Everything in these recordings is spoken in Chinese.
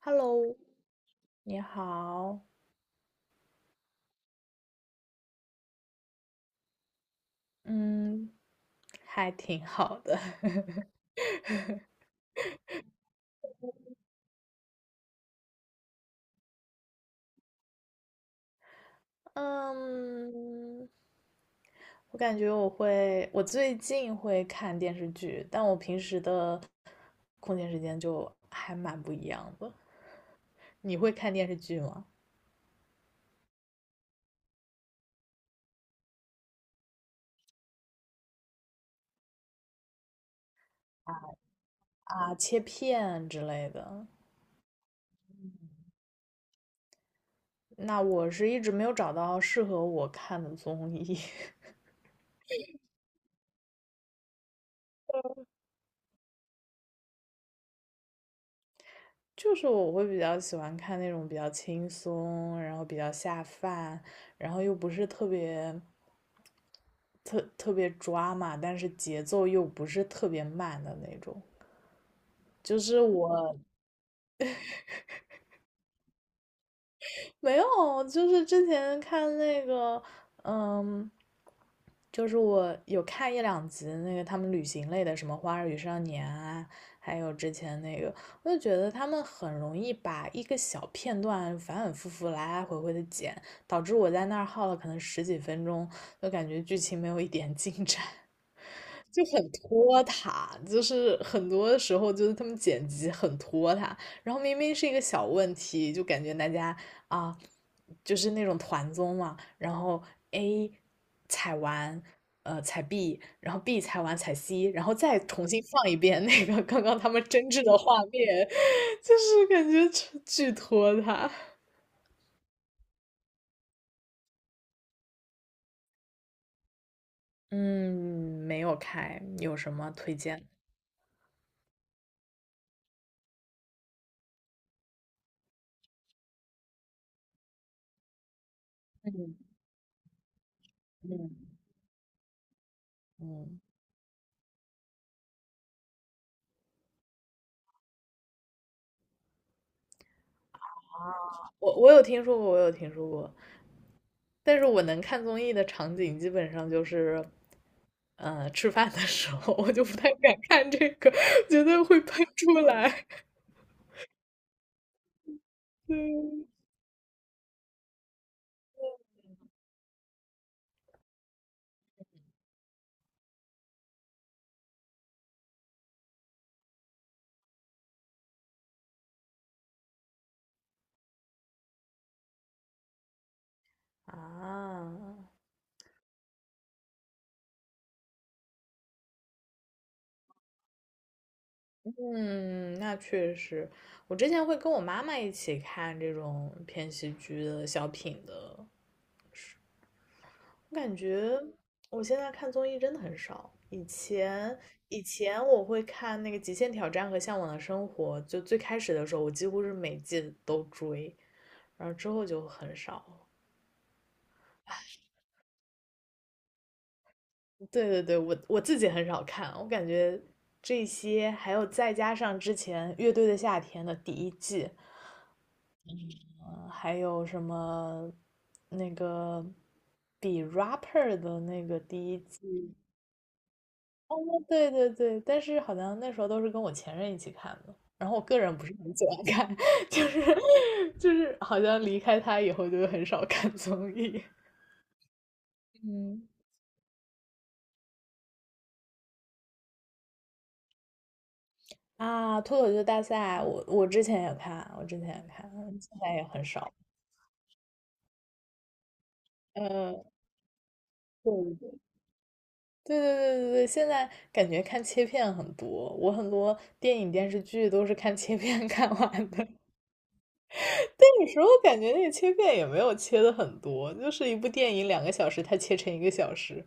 Hello，你好，嗯，还挺好的。嗯，我感觉我会，我最近会看电视剧，但我平时的空闲时间就还蛮不一样的。你会看电视剧吗？啊，切片之类的。那我是一直没有找到适合我看的综艺，就是我会比较喜欢看那种比较轻松，然后比较下饭，然后又不是特别特别抓嘛，但是节奏又不是特别慢的那种。就是我没有，就是之前看那个，嗯，就是我有看一两集那个他们旅行类的，什么《花儿与少年》啊，还有之前那个，我就觉得他们很容易把一个小片段反反复复、来来回回的剪，导致我在那儿耗了可能十几分钟，就感觉剧情没有一点进展。就很拖沓，就是很多时候就是他们剪辑很拖沓，然后明明是一个小问题，就感觉大家啊，就是那种团综嘛，然后 A 踩完，踩 B，然后 B 踩完踩 C，然后再重新放一遍那个刚刚他们争执的画面，就是感觉巨巨拖沓。嗯，没有开，有什么推荐？嗯嗯，我有听说过，我有听说过。但是我能看综艺的场景基本上就是，吃饭的时候，我就不太敢看这个，觉得会喷出来。嗯啊，嗯，那确实，我之前会跟我妈妈一起看这种偏喜剧的小品的，我感觉我现在看综艺真的很少。以前我会看那个《极限挑战》和《向往的生活》，就最开始的时候，我几乎是每季都追，然后之后就很少。对对对，我自己很少看，我感觉这些还有再加上之前《乐队的夏天》的第一季，还有什么那个比 rapper 的那个第一季，哦，对对对，但是好像那时候都是跟我前任一起看的，然后我个人不是很喜欢看，就是就是好像离开他以后就很少看综艺。嗯，啊，脱口秀大赛，我之前也看，我之前也看，现在也很少嗯，对对对对对对，现在感觉看切片很多，我很多电影电视剧都是看切片 看完的，但有时候感觉那个切片也没有切的很多，就是一部电影两个小时，它切成一个小时，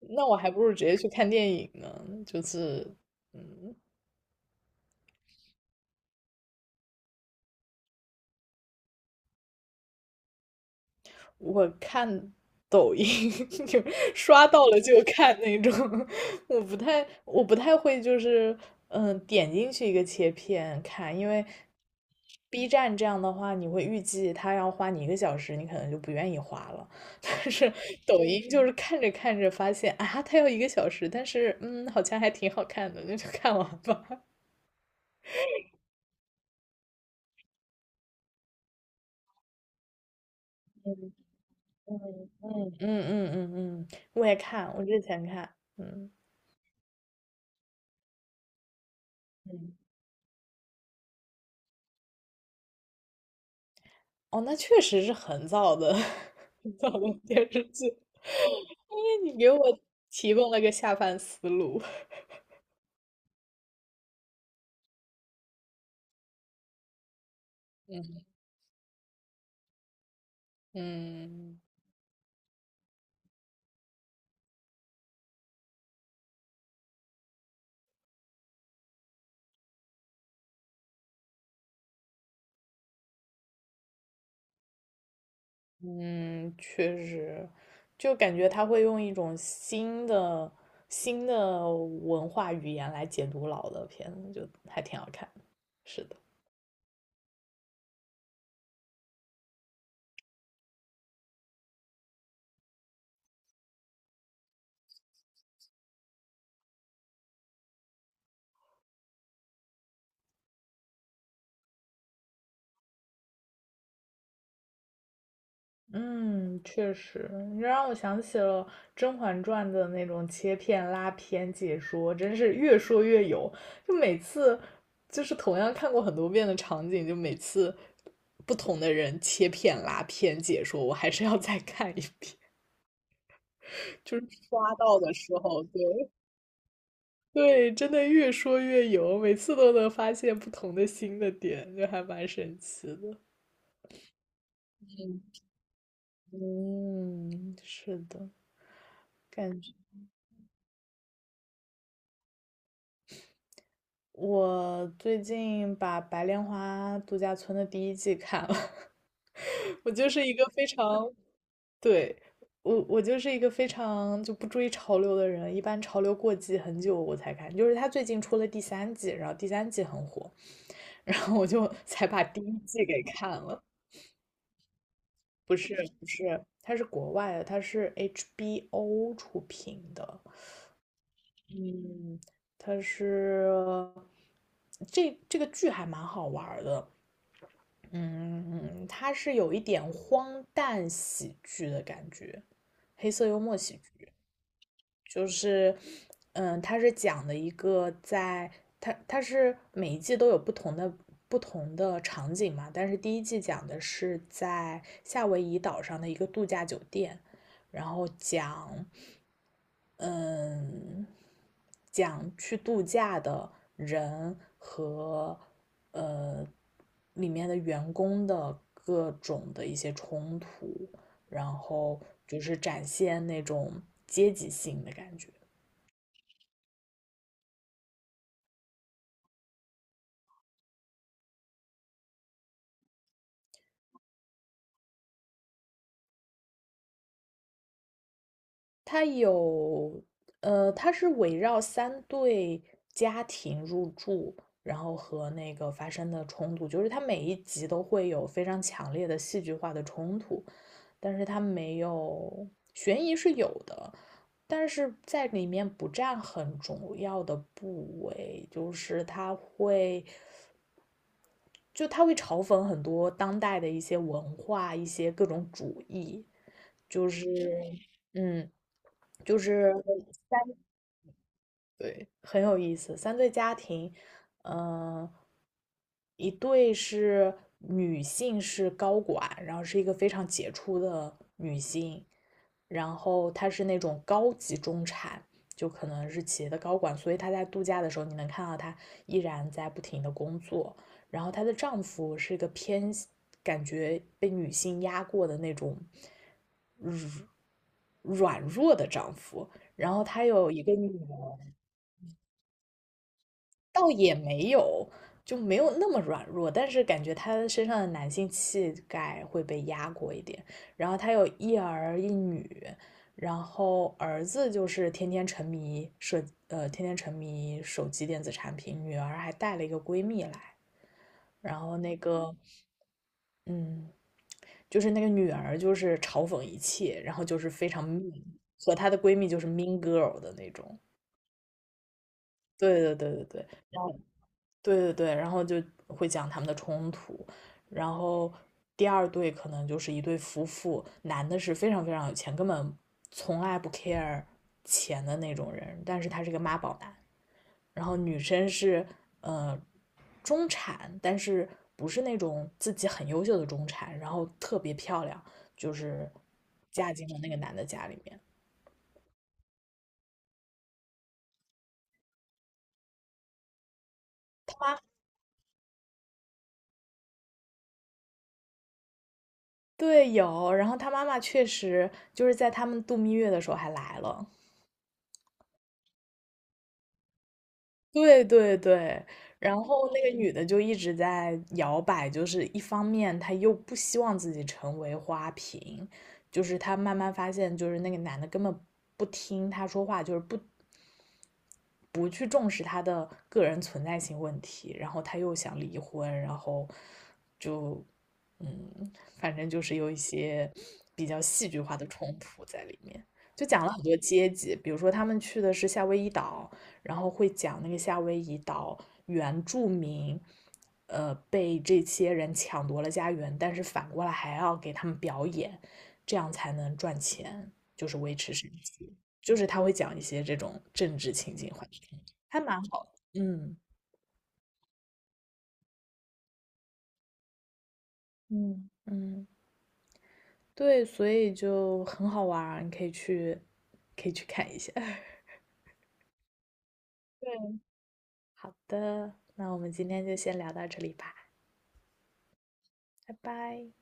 那我还不如直接去看电影呢，就是，嗯。我看抖音 就刷到了就看那种，我不太会就是点进去一个切片看，因为 B 站这样的话，你会预计它要花你一个小时，你可能就不愿意花了。但是抖音就是看着看着发现啊，它要一个小时，但是好像还挺好看的，那就看完吧。嗯嗯嗯嗯嗯嗯，我也看，我之前看，嗯嗯。哦，那确实是很早的 很早的电视剧，因为你给我提供了个下饭思路。嗯嗯，嗯，确实，就感觉他会用一种新的新的文化语言来解读老的片子，就还挺好看。是的。嗯，确实，你让我想起了《甄嬛传》的那种切片拉片解说，真是越说越有。就每次就是同样看过很多遍的场景，就每次不同的人切片拉片解说，我还是要再看一遍。就是刷到的时候，对对，真的越说越有，每次都能发现不同的新的点，就还蛮神奇的。嗯，是的，感觉。我最近把《白莲花度假村》的第一季看了，我就是一个非常，对，我就是一个非常就不追潮流的人，一般潮流过季很久我才看，就是他最近出了第三季，然后第三季很火，然后我就 才把第一季给看了。不是不是，它是国外的，它是 HBO 出品的，嗯，它是这这个剧还蛮好玩儿的。嗯，它是有一点荒诞喜剧的感觉，黑色幽默喜剧，就是，嗯，它是讲的一个在它是每一季都有不同的不同的场景嘛，但是第一季讲的是在夏威夷岛上的一个度假酒店，然后讲嗯，讲去度假的人和呃里面的员工的各种的一些冲突，然后就是展现那种阶级性的感觉。它有它是围绕三对家庭入住，然后和那个发生的冲突，就是它每一集都会有非常强烈的戏剧化的冲突。但是它没有悬疑是有的，但是在里面不占很重要的部位，就是它会它会嘲讽很多当代的一些文化、一些各种主义，就是嗯，就是对，很有意思。三对家庭，嗯、一对是女性是高管，然后是一个非常杰出的女性，然后她是那种高级中产，就可能是企业的高管，所以她在度假的时候，你能看到她依然在不停的工作。然后她的丈夫是一个偏感觉被女性压过的那种软弱的丈夫，然后她有一个女儿，倒也没有，就没有那么软弱，但是感觉他身上的男性气概会被压过一点。然后他有一儿一女，然后儿子就是天天沉迷手机电子产品，女儿还带了一个闺蜜来，然后那个，嗯，就是那个女儿就是嘲讽一切，然后就是非常 mean，和她的闺蜜就是 mean girl 的那种。对对对对对。对对对，然后就会讲他们的冲突，然后第二对可能就是一对夫妇，男的是非常非常有钱，根本从来不 care 钱的那种人，但是他是个妈宝男，然后女生是呃中产，但是不是那种自己很优秀的中产，然后特别漂亮，就是嫁进了那个男的家里面，他妈。对，有，然后他妈妈确实就是在他们度蜜月的时候还来了。对对对，然后那个女的就一直在摇摆，就是一方面她又不希望自己成为花瓶，就是她慢慢发现，就是那个男的根本不听她说话，不去重视他的个人存在性问题，然后他又想离婚，然后就嗯，反正就是有一些比较戏剧化的冲突在里面。就讲了很多阶级，比如说他们去的是夏威夷岛，然后会讲那个夏威夷岛原住民，被这些人抢夺了家园，但是反过来还要给他们表演，这样才能赚钱，就是维持生计。就是他会讲一些这种政治情景话题，还蛮好的。嗯嗯，嗯，对，所以就很好玩儿，你可以去可以去看一下。对，好的，那我们今天就先聊到这里吧，拜拜。